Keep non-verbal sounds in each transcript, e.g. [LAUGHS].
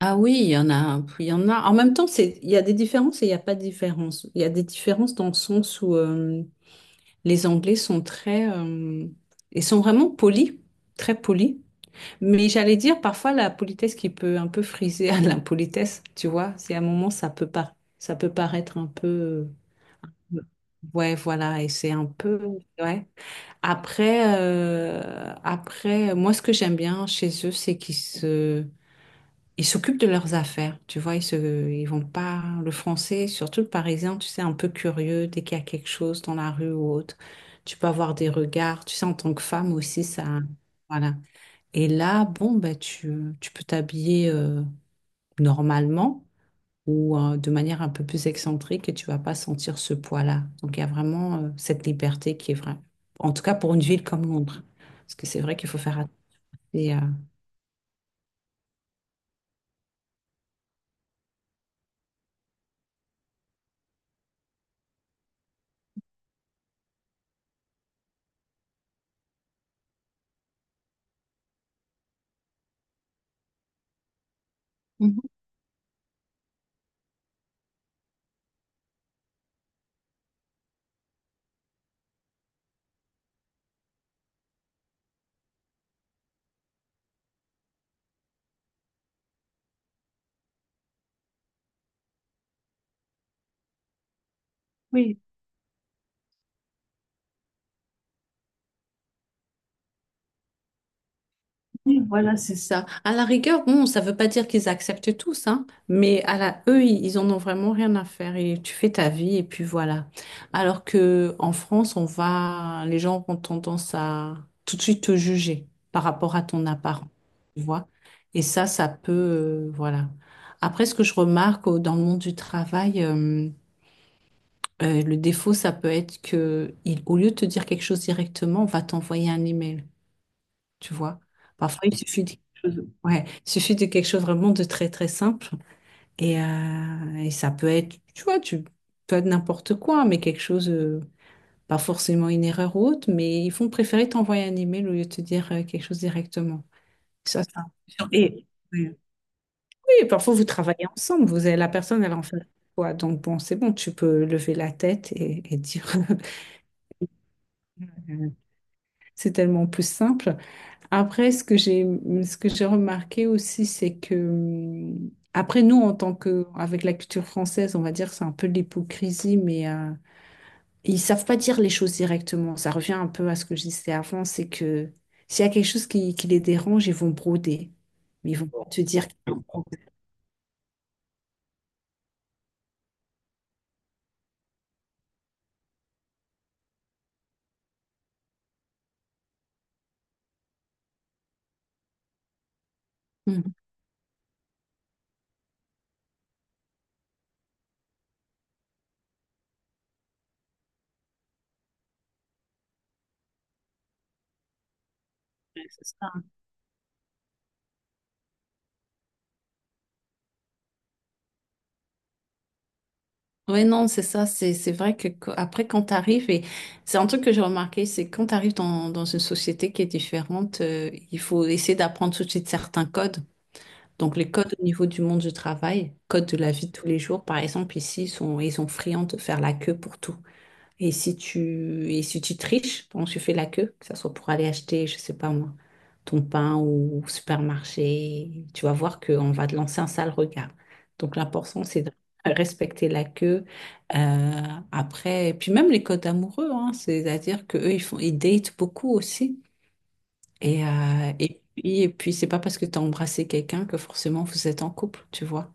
Ah oui, il y en a, il y en a. En même temps, c'est, il y a des différences et il n'y a pas de différence. Il y a des différences dans le sens où les Anglais sont très, ils sont vraiment polis, très polis. Mais j'allais dire parfois la politesse qui peut un peu friser à l'impolitesse, tu vois. C'est à un moment ça peut pas, ça peut paraître un peu, euh, ouais, voilà, et c'est un peu, ouais. Après, moi ce que j'aime bien chez eux, c'est qu'ils se ils s'occupent de leurs affaires, tu vois, ils vont pas, le français, surtout le parisien, tu sais, un peu curieux, dès qu'il y a quelque chose dans la rue ou autre, tu peux avoir des regards, tu sais, en tant que femme aussi, ça, voilà. Et là, bon, bah, tu peux t'habiller normalement ou de manière un peu plus excentrique et tu vas pas sentir ce poids-là. Donc, il y a vraiment cette liberté qui est vraie. En tout cas, pour une ville comme Londres. Parce que c'est vrai qu'il faut faire attention. et, euh, Mhm. Oui. Oui, voilà, c'est ça. À la rigueur, bon, ça veut pas dire qu'ils acceptent tous, hein, mais eux, ils en ont vraiment rien à faire et tu fais ta vie et puis voilà. Alors que en France, les gens ont tendance à tout de suite te juger par rapport à ton apparence, tu vois. Et ça peut, voilà. Après, ce que je remarque dans le monde du travail, le défaut, ça peut être que, au lieu de te dire quelque chose directement, on va t'envoyer un email, tu vois. Parfois, il suffit. Ouais, il suffit de quelque chose vraiment de très très simple et ça peut être, tu vois, tu peux être n'importe quoi, mais quelque chose, pas forcément une erreur ou autre, mais ils vont préférer t'envoyer un email au lieu de te dire quelque chose directement. Ça, ça. Et oui, oui, parfois vous travaillez ensemble, vous avez la personne, elle en fait quoi, donc bon, c'est bon, tu peux lever la tête et dire, [LAUGHS] c'est tellement plus simple. Après, ce que j'ai remarqué aussi, c'est que, après nous, en tant que, avec la culture française, on va dire, c'est un peu de l'hypocrisie, mais ils savent pas dire les choses directement. Ça revient un peu à ce que je disais avant, c'est que s'il y a quelque chose qui les dérange, ils vont broder. Mais ils vont pas te dire qu'il y un problème. Mhm. Ouais, c'est ça. Ouais, non, c'est ça. C'est vrai que après, quand tu arrives, et c'est un truc que j'ai remarqué, c'est que quand tu arrives dans une société qui est différente, il faut essayer d'apprendre tout de suite certains codes. Donc les codes au niveau du monde du travail, codes de la vie de tous les jours, par exemple, ici, ils sont friands de faire la queue pour tout. Et si tu triches, donc tu fais la queue, que ce soit pour aller acheter, je sais pas moi, ton pain ou au supermarché, tu vas voir qu'on va te lancer un sale regard. Donc l'important, c'est de respecter la queue. Euh, Après, et puis même les codes amoureux, hein, c'est-à-dire qu'eux, ils font, ils datent beaucoup aussi. Et puis, c'est pas parce que tu as embrassé quelqu'un que forcément vous êtes en couple, tu vois.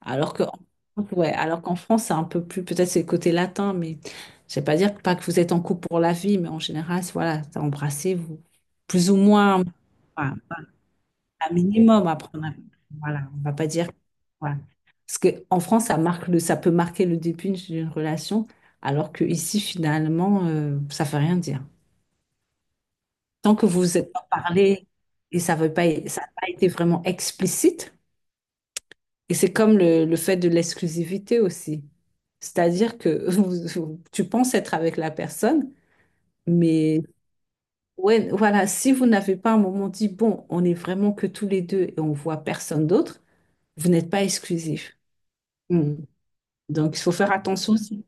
Alors que, ouais, alors qu'en France, c'est un peu plus, peut-être c'est le côté latin, mais je vais pas dire pas que vous êtes en couple pour la vie, mais en général, voilà, t'as embrassé, vous, plus ou moins, voilà, un minimum à prendre. Voilà, on va pas dire, voilà. Parce que en France, ça peut marquer le début d'une relation, alors que ici, finalement, ça fait rien dire. Tant que vous vous êtes pas parlé et ça n'a pas été vraiment explicite. Et c'est comme le fait de l'exclusivité aussi. C'est-à-dire que [LAUGHS] tu penses être avec la personne, mais ouais, voilà, si vous n'avez pas un moment dit, bon, on est vraiment que tous les deux et on voit personne d'autre, vous n'êtes pas exclusif. Mm. Donc, il faut faire attention aussi.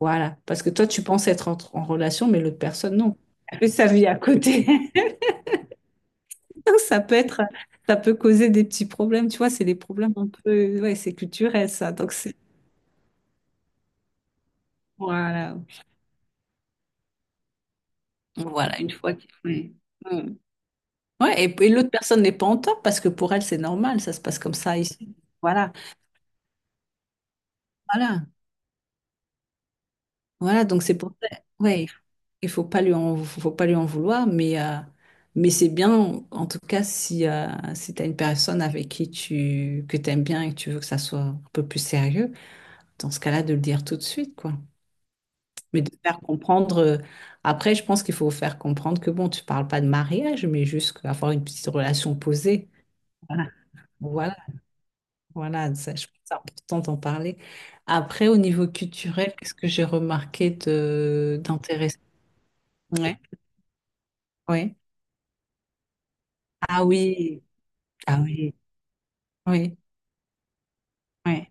Voilà, parce que toi, tu penses être en relation, mais l'autre personne, non. Elle fait sa vie à côté. [LAUGHS] [LAUGHS] Ça peut être, ça peut causer des petits problèmes, tu vois, c'est des problèmes un peu, ouais, c'est culturel ça. Donc c'est, voilà, voilà, une fois qu'il ouais. Mm. Ouais, et l'autre personne n'est pas en tort parce que pour elle, c'est normal, ça se passe comme ça ici. Voilà, voilà, voilà, donc c'est pour ça. Ouais, il faut pas lui en, faut pas lui en vouloir, mais c'est bien, en tout cas, si tu as une personne avec que tu aimes bien et que tu veux que ça soit un peu plus sérieux, dans ce cas-là, de le dire tout de suite, quoi. Mais de faire comprendre, euh, après, je pense qu'il faut faire comprendre que bon, tu parles pas de mariage, mais juste avoir une petite relation posée. Voilà, voilà, voilà, ça, je pense que c'est important d'en parler. Après, au niveau culturel, qu'est-ce que j'ai remarqué de d'intéressant? Ouais, ouais. Ah oui, ah oui, oui, oui.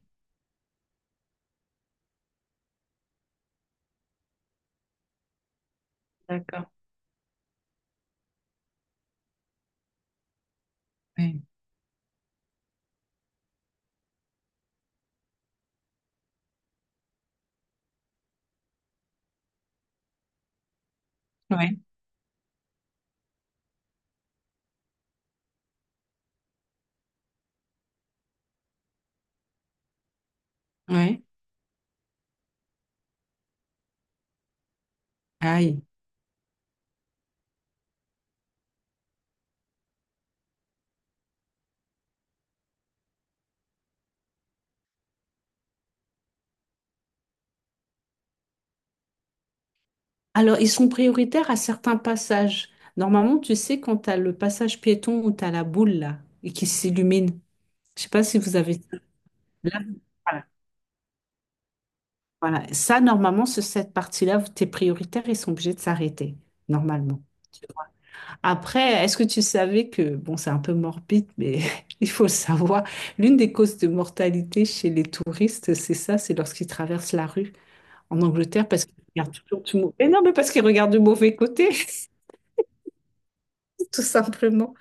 D'accord. Oui, oui, oui. Aïe. Alors, ils sont prioritaires à certains passages. Normalement, tu sais, quand tu as le passage piéton où tu as la boule là, et qui s'illumine. Je sais pas si vous avez ça. Là, voilà. Voilà. Ça, normalement, sur cette partie-là, tes prioritaires, ils sont obligés de s'arrêter, normalement. Tu vois. Après, est-ce que tu savais que, bon, c'est un peu morbide, mais [LAUGHS] il faut le savoir, l'une des causes de mortalité chez les touristes, c'est ça, c'est lorsqu'ils traversent la rue en Angleterre parce qu'ils regardent toujours du mauvais. Mais non, mais parce qu'ils regardent du mauvais côté, [LAUGHS] tout simplement.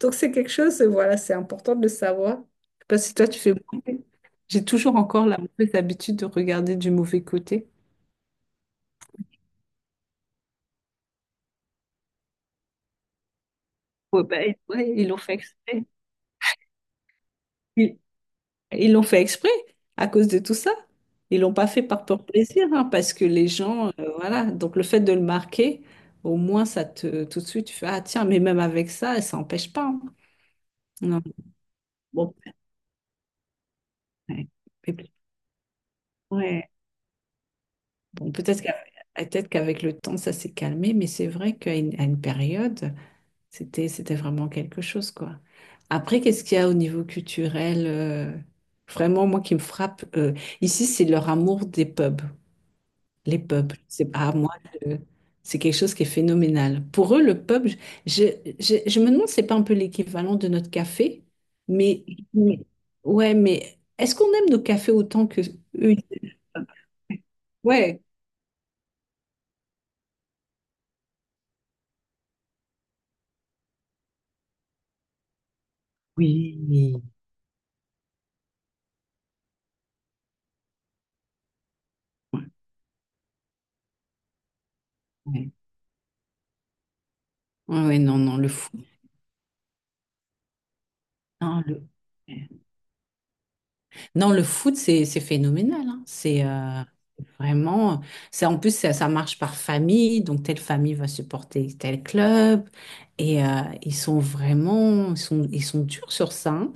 Donc c'est quelque chose, voilà, c'est important de le savoir. Je sais pas si toi tu fais beaucoup. J'ai toujours encore la mauvaise habitude de regarder du mauvais côté. Ouais, bah, ouais, ils l'ont fait exprès. Ils ils l'ont fait exprès à cause de tout ça. Ils l'ont pas fait par pur plaisir, hein, parce que les gens, voilà. Donc le fait de le marquer, au moins ça te, tout de suite, tu fais, ah tiens, mais même avec ça, ça n'empêche pas, hein. Non. Bon, ouais. Et puis, ouais. Bon, peut-être qu'avec le temps, ça s'est calmé, mais c'est vrai qu'à une période. C'était vraiment quelque chose, quoi. Après, qu'est-ce qu'il y a au niveau culturel, vraiment, moi, qui me frappe, ici, c'est leur amour des pubs, les pubs. C'est pas à moi, je- c'est quelque chose qui est phénoménal. Pour eux, le pub, je, je me demande, c'est pas un peu l'équivalent de notre café, mais, mais- ouais, mais est-ce qu'on aime nos cafés autant que eux? Ouais. Oui. Ouais, ouais, ouais, non, non, le fou. Non, ouais. Non, le foot, c'est phénoménal, hein. C'est vraiment. Ça, en plus, ça marche par famille. Donc, telle famille va supporter tel club. Et ils sont vraiment. Ils sont durs sur ça, hein.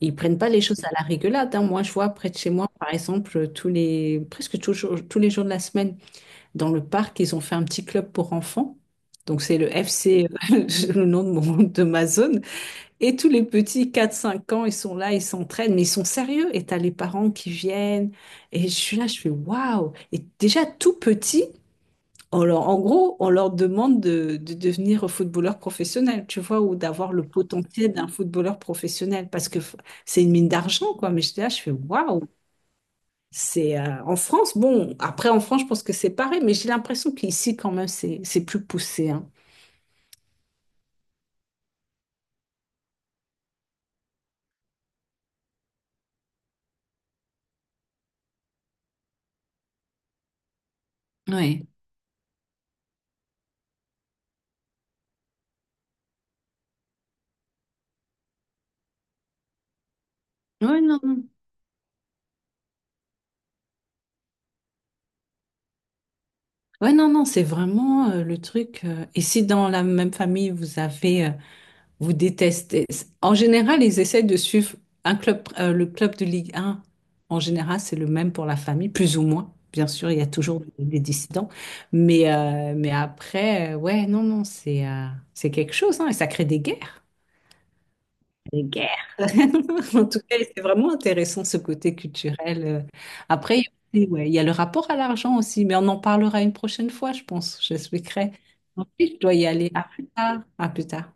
Ils prennent pas les choses à la rigolade, hein. Moi, je vois près de chez moi, par exemple, presque toujours, tous les jours de la semaine, dans le parc, ils ont fait un petit club pour enfants. Donc, c'est le FC, [LAUGHS] le nom de ma zone. Et tous les petits 4 5 ans, ils sont là, ils s'entraînent, mais ils sont sérieux. Et t'as les parents qui viennent. Et je suis là, je fais waouh. Et déjà tout petit, en gros, on leur demande de devenir footballeur professionnel, tu vois, ou d'avoir le potentiel d'un footballeur professionnel, parce que c'est une mine d'argent, quoi. Mais je j'étais là, je fais waouh. C'est en France, bon, après en France, je pense que c'est pareil, mais j'ai l'impression qu'ici, quand même, c'est plus poussé, hein. Ouais. Ouais, non, non. Ouais, non, non, c'est vraiment le truc. Et si dans la même famille, vous avez, vous détestez. En général, ils essaient de suivre un club, le club de Ligue 1. En général, c'est le même pour la famille, plus ou moins. Bien sûr, il y a toujours des dissidents. Mais après, ouais, non, non, c'est quelque chose, hein, et ça crée des guerres des guerres. [LAUGHS] En tout cas, c'est vraiment intéressant ce côté culturel. Après, il y a aussi, ouais, il y a le rapport à l'argent aussi, mais on en parlera une prochaine fois, je pense. J'expliquerai. En plus, je dois y aller. À plus tard. À plus tard.